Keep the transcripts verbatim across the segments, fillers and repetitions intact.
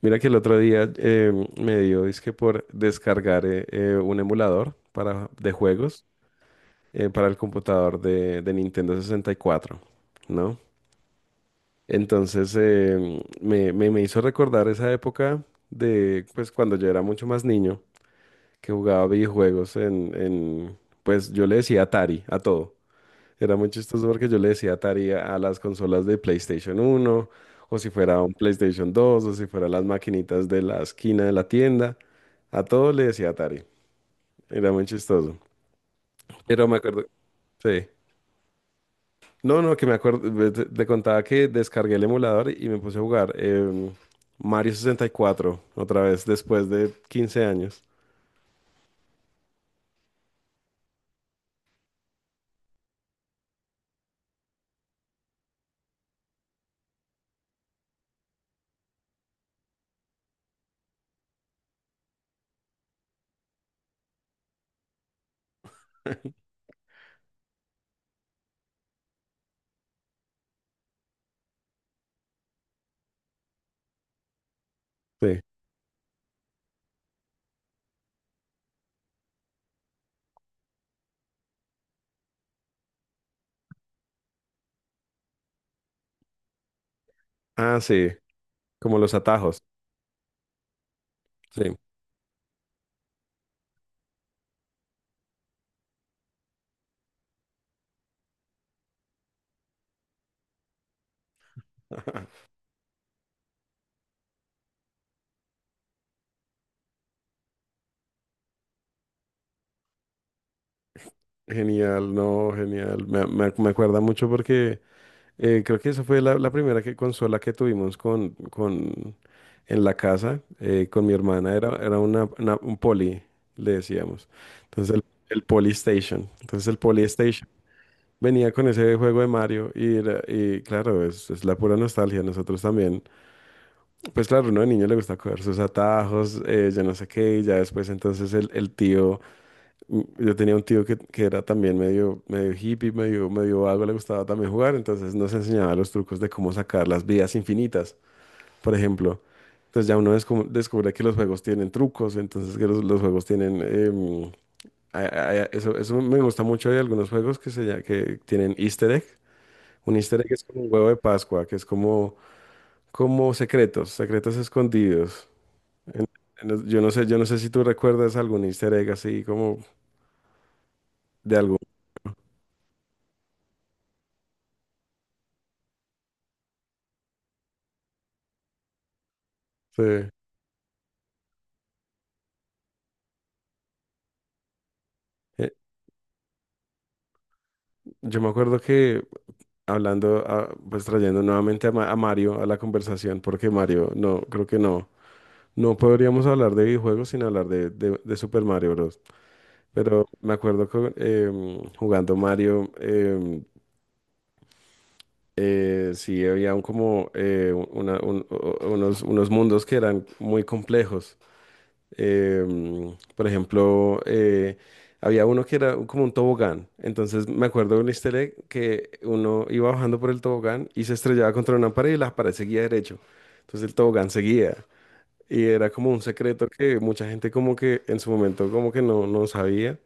Mira que el otro día eh, me dio, dizque por descargar eh, eh, un emulador para, de juegos eh, para el computador de, de Nintendo sesenta y cuatro, ¿no? Entonces eh, me, me, me hizo recordar esa época de, pues, cuando yo era mucho más niño, que jugaba videojuegos en, en, pues, yo le decía Atari a todo. Era muy chistoso porque yo le decía Atari a las consolas de PlayStation uno, o si fuera un PlayStation dos, o si fuera las maquinitas de la esquina de la tienda. A todo le decía Atari. Era muy chistoso. Pero me acuerdo. Sí. No, no, que me acuerdo. ve- Te, te contaba que descargué el emulador y me puse a jugar em, Mario sesenta y cuatro otra vez después de quince años. Sí. Ah, sí. Como los atajos. Sí. Genial, no, genial. Me, me, me acuerda mucho porque Eh, creo que esa fue la, la primera que, consola que tuvimos con, con, en la casa, eh, con mi hermana, era, era una, una- un Poli, le decíamos. Entonces el, el Poli Station. Entonces el Poli Station venía con ese juego de Mario y, era- y claro, es, es la pura nostalgia. Nosotros también, pues claro, uno de niño le gusta coger sus atajos, eh, yo no sé qué, y ya después entonces el, el tío... Mm, yo tenía un tío que, que era también medio, medio hippie, medio, medio vago, le gustaba también jugar, entonces nos enseñaba los trucos de cómo sacar las vidas infinitas, por ejemplo. Entonces ya uno descu- descubre que los juegos tienen trucos, entonces que los, los juegos tienen... em, a- a- a- eso, eso me gusta mucho de algunos juegos que, se, lla- que tienen easter egg. Un easter egg es como un huevo de Pascua, que es como, como secretos, secretos escondidos. En- en los- yo no sé, yo no sé si tú recuerdas algún easter egg así como de algo. Sí. Yo me acuerdo que hablando, a- pues trayendo nuevamente a, Ma- a Mario a la conversación, porque Mario, no, creo que no. No podríamos hablar de videojuegos sin hablar de, de- de Super Mario Bros. Pero me acuerdo que em, jugando Mario, em, eh, sí había un como eh, una- un- o- o- unos, unos mundos que eran muy complejos. Em, por ejemplo, eh, había uno que era como un tobogán. Entonces me acuerdo de un easter egg que uno iba bajando por el tobogán y se estrellaba contra una pared y la pared seguía derecho. Entonces el tobogán seguía. Y era como un secreto que mucha gente como que en su momento como que no, no sabía.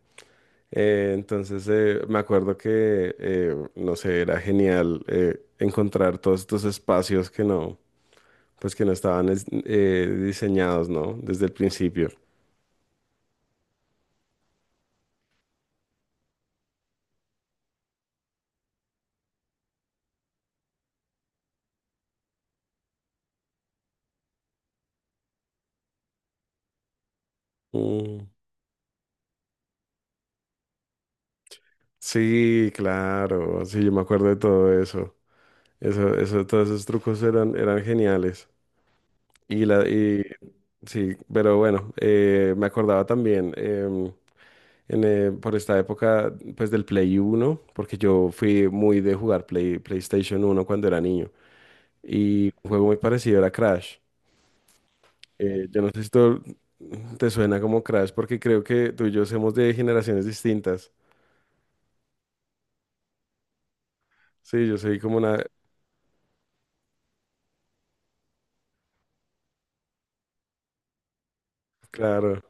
Eh, entonces eh, me acuerdo que, eh, no sé, era genial eh, encontrar todos estos espacios que no, pues que no estaban es- eh, diseñados, ¿no? Desde el principio. Mm. Sí, claro, sí, yo me acuerdo de todo eso. Eso, eso, todos esos trucos eran, eran geniales. Y la, y sí, pero bueno, eh, me acordaba también em, en, eh, por esta época, pues del Play Uno, porque yo fui muy de jugar Play, PlayStation Uno cuando era niño. Y un juego muy parecido era Crash. Eh, yo no sé si tú- te suena como Crash, porque creo que tú y yo somos de generaciones distintas. Sí, yo soy como una, claro.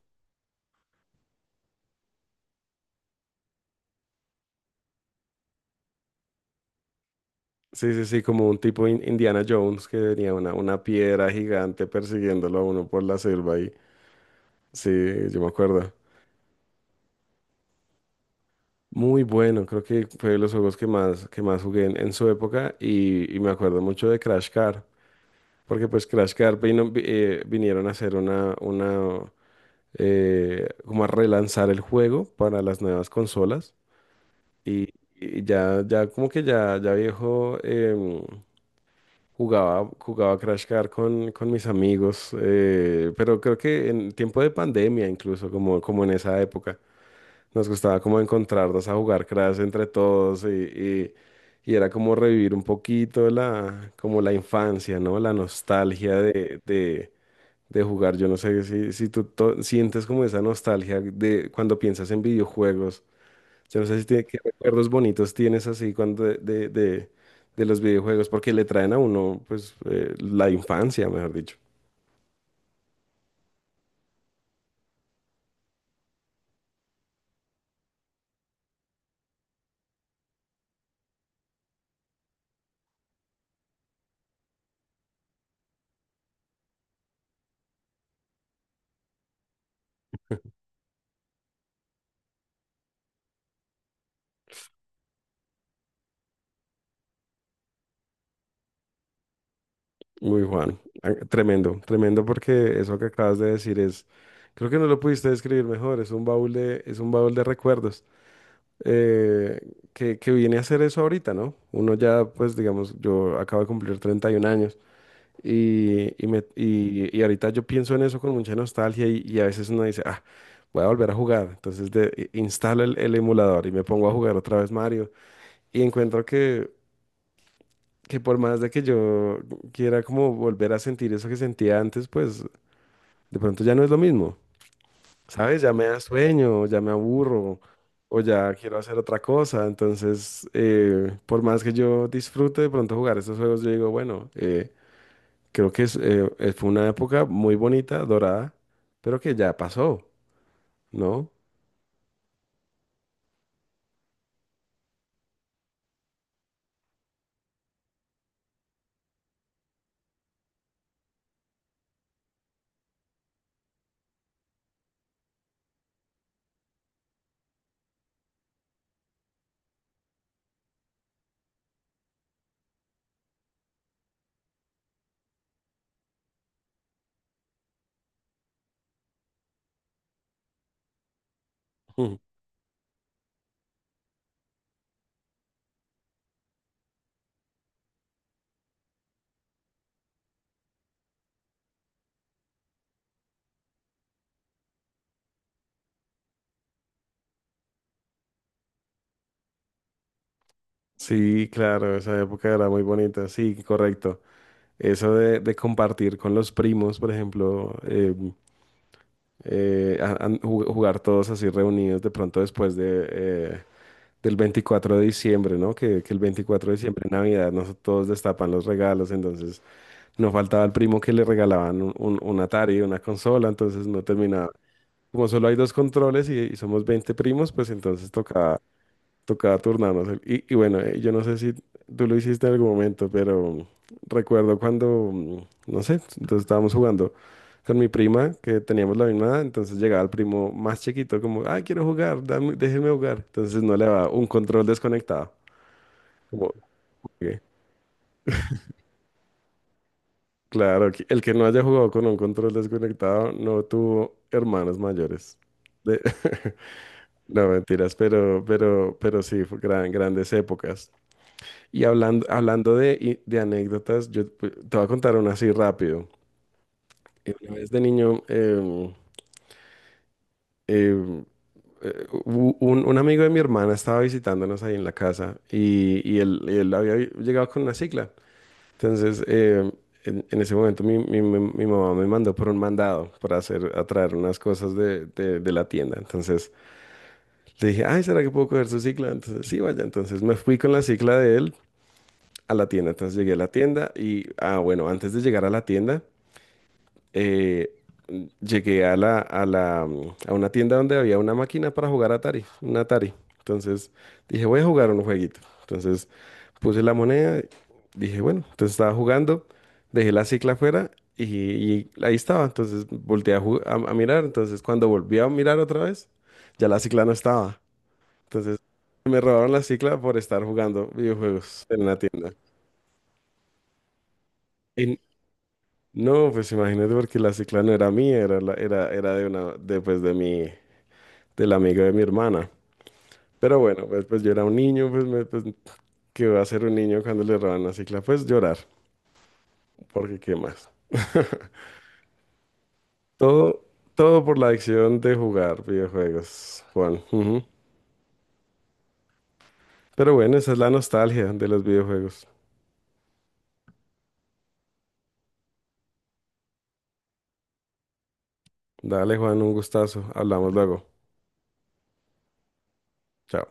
Sí, sí, sí, como un tipo in- Indiana Jones que tenía una, una piedra gigante persiguiéndolo a uno por la selva y sí, yo me acuerdo. Muy bueno, creo que fue de los juegos que más, que más jugué en, en su época y, y me acuerdo mucho de Crash Car, porque pues Crash Car vino- vi- eh, vinieron a hacer una, una eh, como a relanzar el juego para las nuevas consolas y, y ya, ya como que ya, ya viejo. Em, Jugaba, jugaba Crash Car con, con mis amigos, eh, pero creo que en tiempo de pandemia incluso, como, como en esa época, nos gustaba como encontrarnos a jugar Crash entre todos y, y- y era como revivir un poquito la, como la infancia, ¿no? La nostalgia de, de, de jugar. Yo no sé si, si tú to- sientes como esa nostalgia de cuando piensas en videojuegos, yo no sé si tiene, qué recuerdos bonitos tienes así cuando de, de, de- de los videojuegos, porque le traen a uno, pues, eh, la infancia, mejor dicho. Muy Juan, ah, tremendo, tremendo porque eso que acabas de decir es, creo que no lo pudiste describir mejor, es un baúl de, es un baúl de recuerdos, eh, que, que viene a ser eso ahorita, ¿no? Uno ya, pues, digamos, yo acabo de cumplir treinta y uno años. Y, y, me- y- y ahorita yo pienso en eso con mucha nostalgia y, y a veces uno dice, ah, voy a volver a jugar. Entonces de, i- instalo el, el emulador y me pongo a jugar otra vez Mario. Y encuentro que, que por más de que yo quiera como volver a sentir eso que sentía antes, pues de pronto ya no es lo mismo. ¿Sabes? Ya me da sueño, ya me aburro o ya quiero hacer otra cosa. Entonces, eh, por más que yo disfrute de pronto jugar esos juegos, yo digo, bueno, eh, creo que es, eh, eh, fue una época muy bonita, dorada, pero que ya pasó, ¿no? Mm. Sí, claro, esa época era muy bonita, sí, correcto. Eso de, de compartir con los primos, por ejemplo, eh, eh, a- a- ju- jugar todos así reunidos de pronto después de, eh, del veinticuatro de diciembre, ¿no? Que, que el veinticuatro de diciembre, Navidad, nos todos destapan los regalos, entonces no faltaba el primo que le regalaban un, un, un Atari, una consola, entonces no terminaba. Como solo hay dos controles y, y somos veinte primos, pues entonces toca, toca turnarnos. el- Y, y bueno, eh, yo no sé si tú lo hiciste en algún momento, pero mm, recuerdo cuando, mm, no sé, entonces estábamos jugando con mi prima, que teníamos la misma edad, entonces llegaba el primo más chiquito, como, ah, quiero jugar, dame- déjeme jugar. Entonces no le daba un control desconectado. Como, "Ok". Claro, que- el que no haya jugado con un control desconectado no tuvo hermanos mayores. De- No, mentiras, pero, pero, pero sí, fue gran- grandes épocas. Y hablando, hablando de, i- de anécdotas, yo pu- te voy a contar una así rápido. Eh, Una vez de niño, em, em, eh, u- un, un amigo de mi hermana estaba visitándonos ahí en la casa y, y él, él había vi- llegado con una cicla. Entonces, em, en, en ese momento mi, mi- mi- mi mamá me mandó por un mandado para hacer, a traer unas cosas de, de de la tienda. Entonces... le dije, ay, ¿será que puedo coger su cicla? Entonces, sí, vaya. Entonces me fui con la cicla de él a la tienda. Entonces llegué a la tienda y, ah, bueno, antes de llegar a la tienda, eh, mm, llegué a la, a la, mm, a una tienda donde había una máquina para jugar Atari, un Atari. Entonces dije, voy a jugar un jueguito. Entonces puse la moneda, dije, bueno, entonces estaba jugando, dejé la cicla afuera y, y ahí estaba. Entonces volteé a, ju- a a mirar. Entonces cuando volví a mirar otra vez, ya la cicla no estaba. Entonces, me robaron la cicla por estar jugando videojuegos en la tienda. Y no, pues imagínate porque la cicla no era mía, era, la- era, era de una, de, pues, de mi, del amigo de mi hermana. Pero bueno, pues, pues yo era un niño, pues, me, pues ¿qué va a ser un niño cuando le roban la cicla? Pues llorar, porque ¿qué más? Todo, todo por la adicción de jugar videojuegos, Juan. Ujú. Pero bueno, esa es la nostalgia de los videojuegos. Dale, Juan, un gustazo. Hablamos luego. Chao.